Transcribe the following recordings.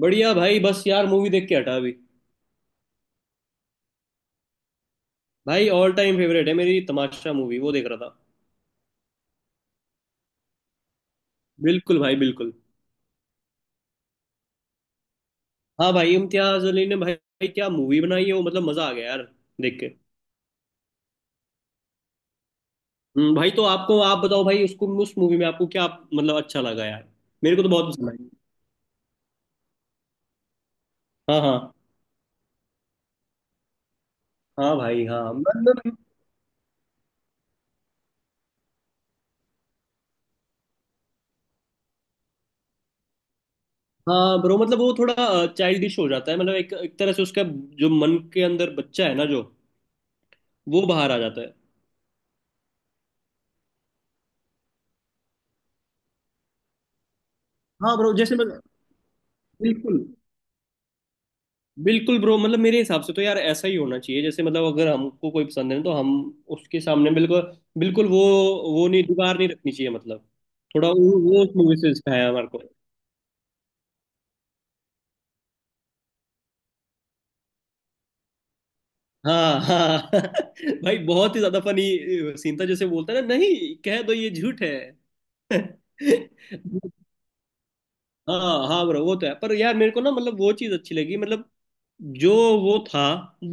बढ़िया भाई। बस यार मूवी देख के हटा अभी। भाई ऑल टाइम फेवरेट है मेरी, तमाशा मूवी वो देख रहा था। बिल्कुल भाई बिल्कुल। हाँ भाई, इम्तियाज अली ने भाई क्या मूवी बनाई है वो, मतलब मजा आ गया यार देख के। भाई तो आपको, आप बताओ भाई उसको, उस मूवी में आपको क्या मतलब अच्छा लगा यार? मेरे को तो बहुत पसंद आई। हाँ हाँ। हाँ भाई हाँ मतलब। हाँ ब्रो, मतलब वो थोड़ा चाइल्डिश हो जाता है, मतलब एक एक तरह से उसका जो मन के अंदर बच्चा है ना, जो वो बाहर आ जाता है। हाँ ब्रो, जैसे मैं बिल्कुल बिल्कुल ब्रो, मतलब मेरे हिसाब से तो यार ऐसा ही होना चाहिए, जैसे मतलब अगर हमको कोई पसंद है तो हम उसके सामने बिल्कुल बिल्कुल वो नहीं, दीवार नहीं रखनी चाहिए मतलब। थोड़ा वो उस मूवी से इंस्पायर है हमारे को। हाँ हाँ भाई बहुत ही ज्यादा फनी सीन था, जैसे बोलता है ना, नहीं कह दो ये झूठ है। हाँ हाँ ब्रो वो तो है। पर यार मेरे को ना मतलब वो चीज अच्छी लगी मतलब, जो वो था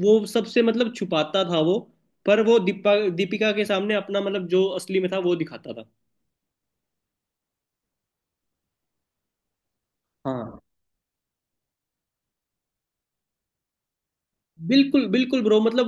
वो सबसे मतलब छुपाता था वो, पर वो दीपा दीपिका के सामने अपना मतलब जो असली में था वो दिखाता था। हाँ बिल्कुल बिल्कुल ब्रो, मतलब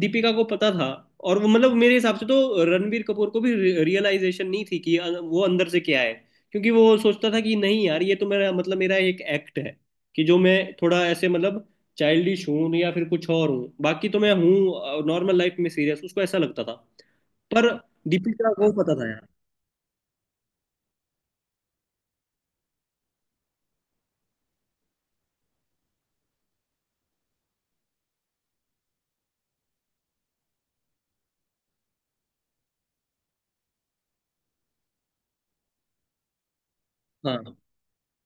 दीपिका को पता था। और वो मतलब मेरे हिसाब से तो रणबीर कपूर को भी रियलाइजेशन नहीं थी कि वो अंदर से क्या है, क्योंकि वो सोचता था कि नहीं यार ये तो मेरा मतलब मेरा एक एक्ट है, कि जो मैं थोड़ा ऐसे मतलब चाइल्डिश हूँ या फिर कुछ और हूँ, बाकी तो मैं हूँ नॉर्मल लाइफ में सीरियस, उसको ऐसा लगता था। पर दीपिका को पता था यार। हाँ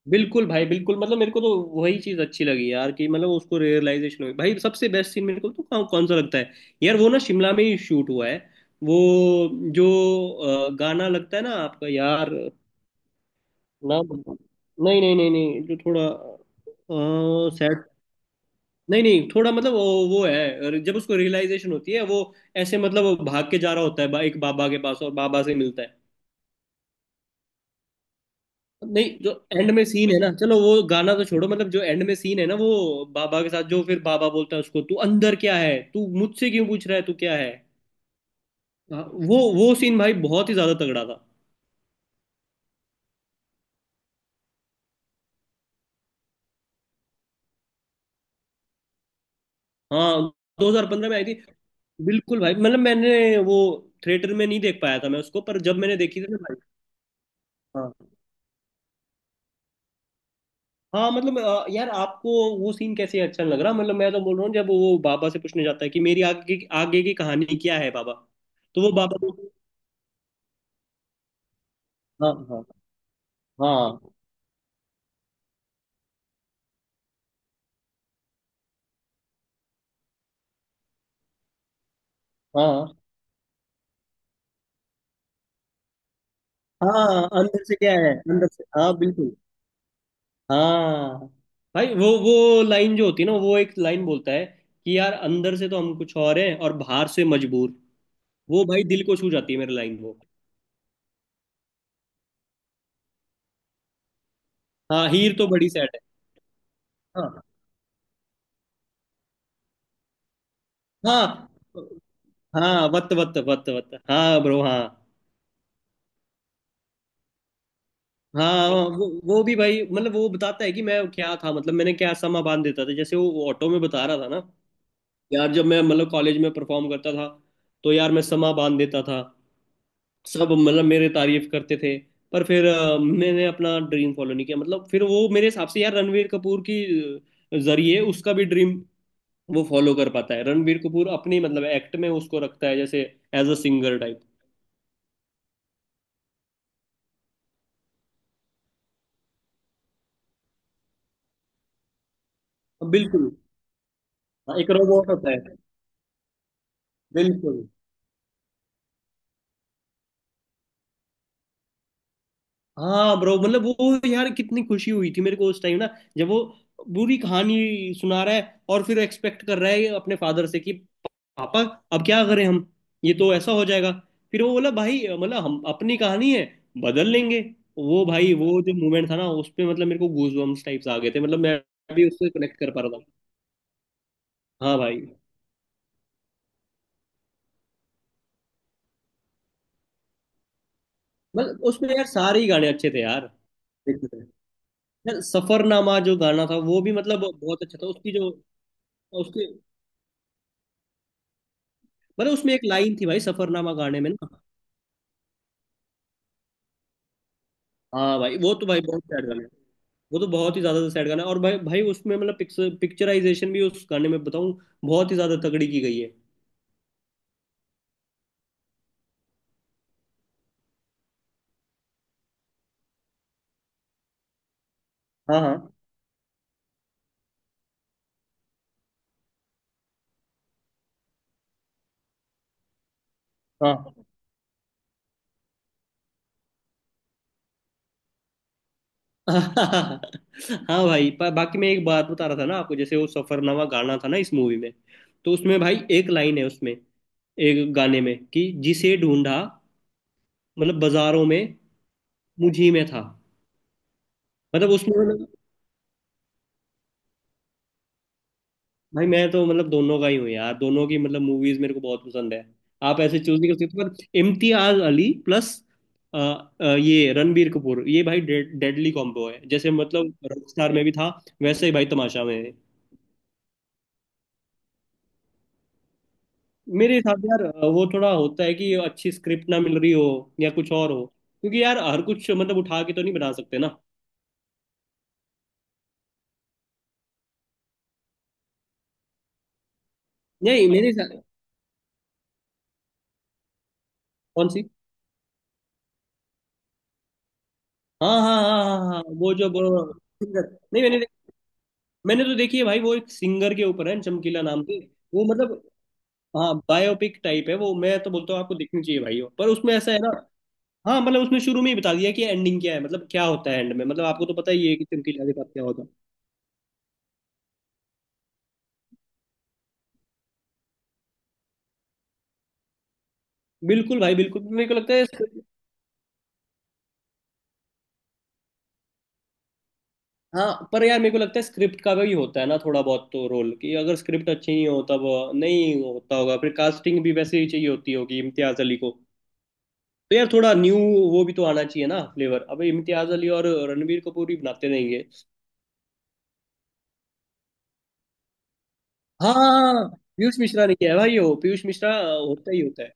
बिल्कुल भाई बिल्कुल, मतलब मेरे को तो वही चीज अच्छी लगी यार, कि मतलब उसको रियलाइजेशन हुई। भाई सबसे बेस्ट सीन मेरे को तो कौन, कौन सा लगता है यार, वो ना शिमला में ही शूट हुआ है, वो जो गाना लगता है ना आपका यार? ना, नहीं नहीं नहीं नहीं, जो थोड़ा सैड। नहीं नहीं थोड़ा मतलब वो है, और जब उसको रियलाइजेशन होती है वो ऐसे मतलब वो भाग के जा रहा होता है एक बाबा के पास, और बाबा से मिलता है। नहीं जो एंड में सीन है ना, चलो वो गाना तो छोड़ो, मतलब जो एंड में सीन है ना वो बाबा के साथ, जो फिर बाबा बोलता है उसको, तू अंदर क्या है, तू मुझसे क्यों पूछ रहा है, तू क्या है। हाँ, वो सीन भाई बहुत ही ज्यादा तगड़ा था। हाँ 2015 में आई थी? बिल्कुल भाई, मतलब मैंने वो थिएटर में नहीं देख पाया था मैं उसको, पर जब मैंने देखी थी ना भाई। हाँ हाँ, मतलब यार आपको वो सीन कैसे अच्छा नहीं लग रहा? मतलब मैं तो बोल रहा हूँ, जब वो बाबा से पूछने जाता है कि मेरी आगे आगे की कहानी क्या है बाबा, तो वो बाबा हाँ हाँ हाँ हाँ हाँ।" हाँ अंदर से क्या है अंदर से, हाँ बिल्कुल। हाँ भाई वो लाइन जो होती है ना, वो एक लाइन बोलता है कि यार अंदर से तो हम कुछ और हैं और बाहर से मजबूर, वो भाई दिल को छू जाती है मेरी लाइन वो। हाँ हीर तो बड़ी सैड है। हाँ हाँ, हाँ वत वत वत वत, हाँ ब्रो हाँ। हाँ वो भी भाई मतलब वो बताता है कि मैं क्या था, मतलब मैंने क्या समा बांध देता था, जैसे वो ऑटो में बता रहा था ना, यार जब मैं मतलब कॉलेज में परफॉर्म करता था, तो यार मैं समा बांध देता था, सब मतलब मेरे तारीफ करते थे। पर फिर मैंने अपना ड्रीम फॉलो नहीं किया, मतलब फिर वो मेरे हिसाब से यार रणवीर कपूर की जरिए उसका भी ड्रीम वो फॉलो कर पाता है। रणवीर कपूर अपनी मतलब एक्ट में उसको रखता है जैसे एज अ सिंगर टाइप। बिल्कुल। हाँ, एक रोबोट होता है। बिल्कुल। हाँ ब्रो मतलब वो यार कितनी खुशी हुई थी मेरे को उस टाइम ना, जब वो पूरी कहानी सुना रहा है और फिर एक्सपेक्ट कर रहा है अपने फादर से कि पापा अब क्या करें हम, ये तो ऐसा हो जाएगा। फिर वो बोला भाई मतलब हम अपनी कहानी है बदल लेंगे। वो भाई वो जो मोमेंट था ना उस पे, मतलब मेरे को गूजबम्स टाइप्स आ गए थे, मतलब मैं भी उससे कनेक्ट कर पा रहा था। हाँ भाई, मतलब उसमें यार सारे ही गाने अच्छे थे यार। देखते थे। यार सफरनामा जो गाना था वो भी मतलब बहुत अच्छा था, उसकी जो उसकी, मतलब उसमें एक लाइन थी भाई सफरनामा गाने में ना। हाँ भाई वो तो भाई बहुत सैड गाना है, वो तो बहुत ही ज्यादा सैड गाना है। और भाई भाई उसमें मतलब पिक्चराइजेशन भी उस गाने में बताऊं, बहुत ही ज्यादा तगड़ी की गई है। हाँ हाँ हाँ हाँ भाई। पर बाकी मैं एक बात बता रहा था ना आपको, जैसे वो सफरनामा गाना था ना इस मूवी में, तो उसमें भाई एक लाइन है उसमें, एक गाने में कि जिसे ढूंढा मतलब बाजारों में, मुझी में था। मतलब उसमें मतलब, भाई मैं तो मतलब दोनों का ही हूँ यार, दोनों की मतलब मूवीज मेरे को बहुत पसंद है, आप ऐसे चूज नहीं कर सकते। पर इम्तियाज अली प्लस अ, ये रणबीर कपूर, ये भाई डेडली कॉम्बो है, जैसे मतलब रॉकस्टार में भी था वैसे ही भाई तमाशा में है। मेरे हिसाब से यार वो थोड़ा होता है कि अच्छी स्क्रिप्ट ना मिल रही हो या कुछ और हो, क्योंकि यार हर कुछ मतलब उठा के तो नहीं बना सकते ना। नहीं मेरे हिसाब। कौन सी? हाँ हाँ हाँ हाँ हाँ हाँ, वो जो सिंगर। नहीं मैंने, मैंने तो देखी है भाई, वो एक सिंगर के ऊपर है चमकीला नाम से वो मतलब। हाँ बायोपिक टाइप है वो, मैं तो बोलता हूँ आपको देखनी चाहिए भाई वो, पर उसमें ऐसा है ना हाँ मतलब उसने शुरू में ही बता दिया कि एंडिंग क्या है, मतलब क्या होता है एंड में, मतलब आपको तो पता ही है कि चमकीला के साथ क्या होता है। बिल्कुल भाई बिल्कुल, मेरे को लगता है। हाँ पर यार मेरे को लगता है स्क्रिप्ट का भी होता है ना थोड़ा बहुत तो रोल, कि अगर स्क्रिप्ट अच्छी नहीं हो तब नहीं होता होगा, फिर कास्टिंग भी वैसे ही चाहिए होती होगी इम्तियाज अली को। तो यार थोड़ा न्यू वो भी तो आना चाहिए ना फ्लेवर, अब इम्तियाज अली और रणबीर कपूर ही बनाते रहेंगे? हाँ पीयूष मिश्रा ने किया है भाई वो, पीयूष मिश्रा होता ही होता है।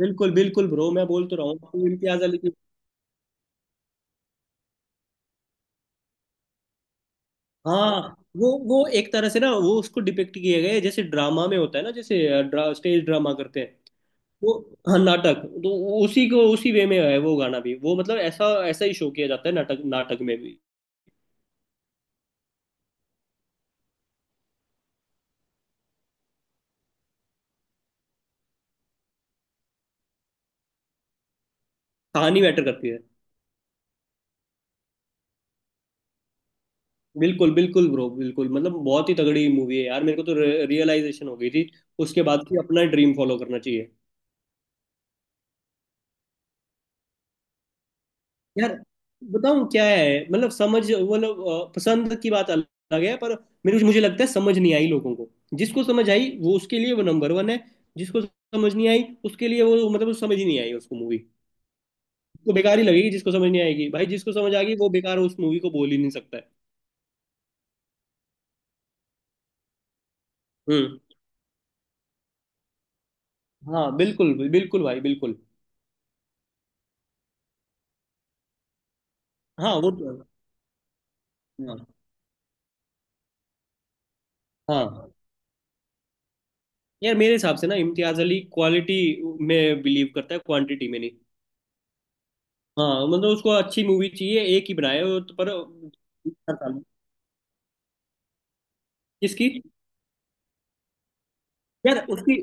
बिल्कुल बिल्कुल ब्रो, मैं बोल तो रहा हूँ आपको इम्तियाज अली की। हाँ वो एक तरह से ना वो उसको डिपिक्ट किया गया है, जैसे ड्रामा में होता है ना, जैसे स्टेज ड्रामा करते हैं वो। हाँ नाटक तो उसी को उसी वे में है, वो गाना भी वो मतलब ऐसा ऐसा ही शो किया जाता है नाटक नाटक में भी। कहानी मैटर करती है। बिल्कुल बिल्कुल ब्रो बिल्कुल, मतलब बहुत ही तगड़ी मूवी है यार, मेरे को तो रियलाइजेशन हो गई थी उसके बाद कि अपना ड्रीम फॉलो करना चाहिए। यार बताऊं क्या है, मतलब समझ मतलब पसंद की बात अलग है, पर मेरे मुझे लगता है समझ नहीं आई लोगों को, जिसको समझ आई वो उसके लिए वो नंबर वन है, जिसको समझ नहीं आई उसके लिए वो मतलब वो समझ ही नहीं आई उसको मूवी, उसको बेकार ही लगेगी। जिसको समझ नहीं आएगी भाई, जिसको समझ आ गई वो बेकार उस मूवी को बोल ही नहीं सकता है। हम्म। हाँ बिल्कुल बिल्कुल भाई बिल्कुल। हाँ वो तो है। हाँ हाँ, यार मेरे हिसाब से ना इम्तियाज अली क्वालिटी में बिलीव करता है क्वांटिटी में नहीं। हाँ मतलब उसको अच्छी मूवी चाहिए एक ही बनाए वो तो, पर हर साल। किसकी? यार उसकी,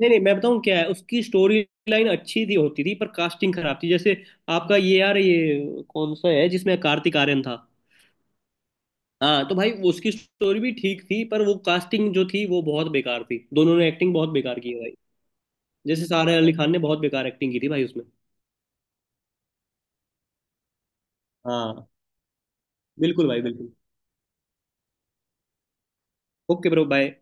नहीं नहीं मैं बताऊँ क्या है, उसकी स्टोरी लाइन अच्छी थी होती थी, पर कास्टिंग खराब थी। जैसे आपका ये यार ये कौन सा है जिसमें कार्तिक आर्यन था? हाँ तो भाई उसकी स्टोरी भी ठीक थी, पर वो कास्टिंग जो थी वो बहुत बेकार थी, दोनों ने एक्टिंग बहुत बेकार की है भाई, जैसे सारा अली खान ने बहुत बेकार एक्टिंग की थी भाई उसमें। हाँ बिल्कुल भाई बिल्कुल। Okay bro, bye.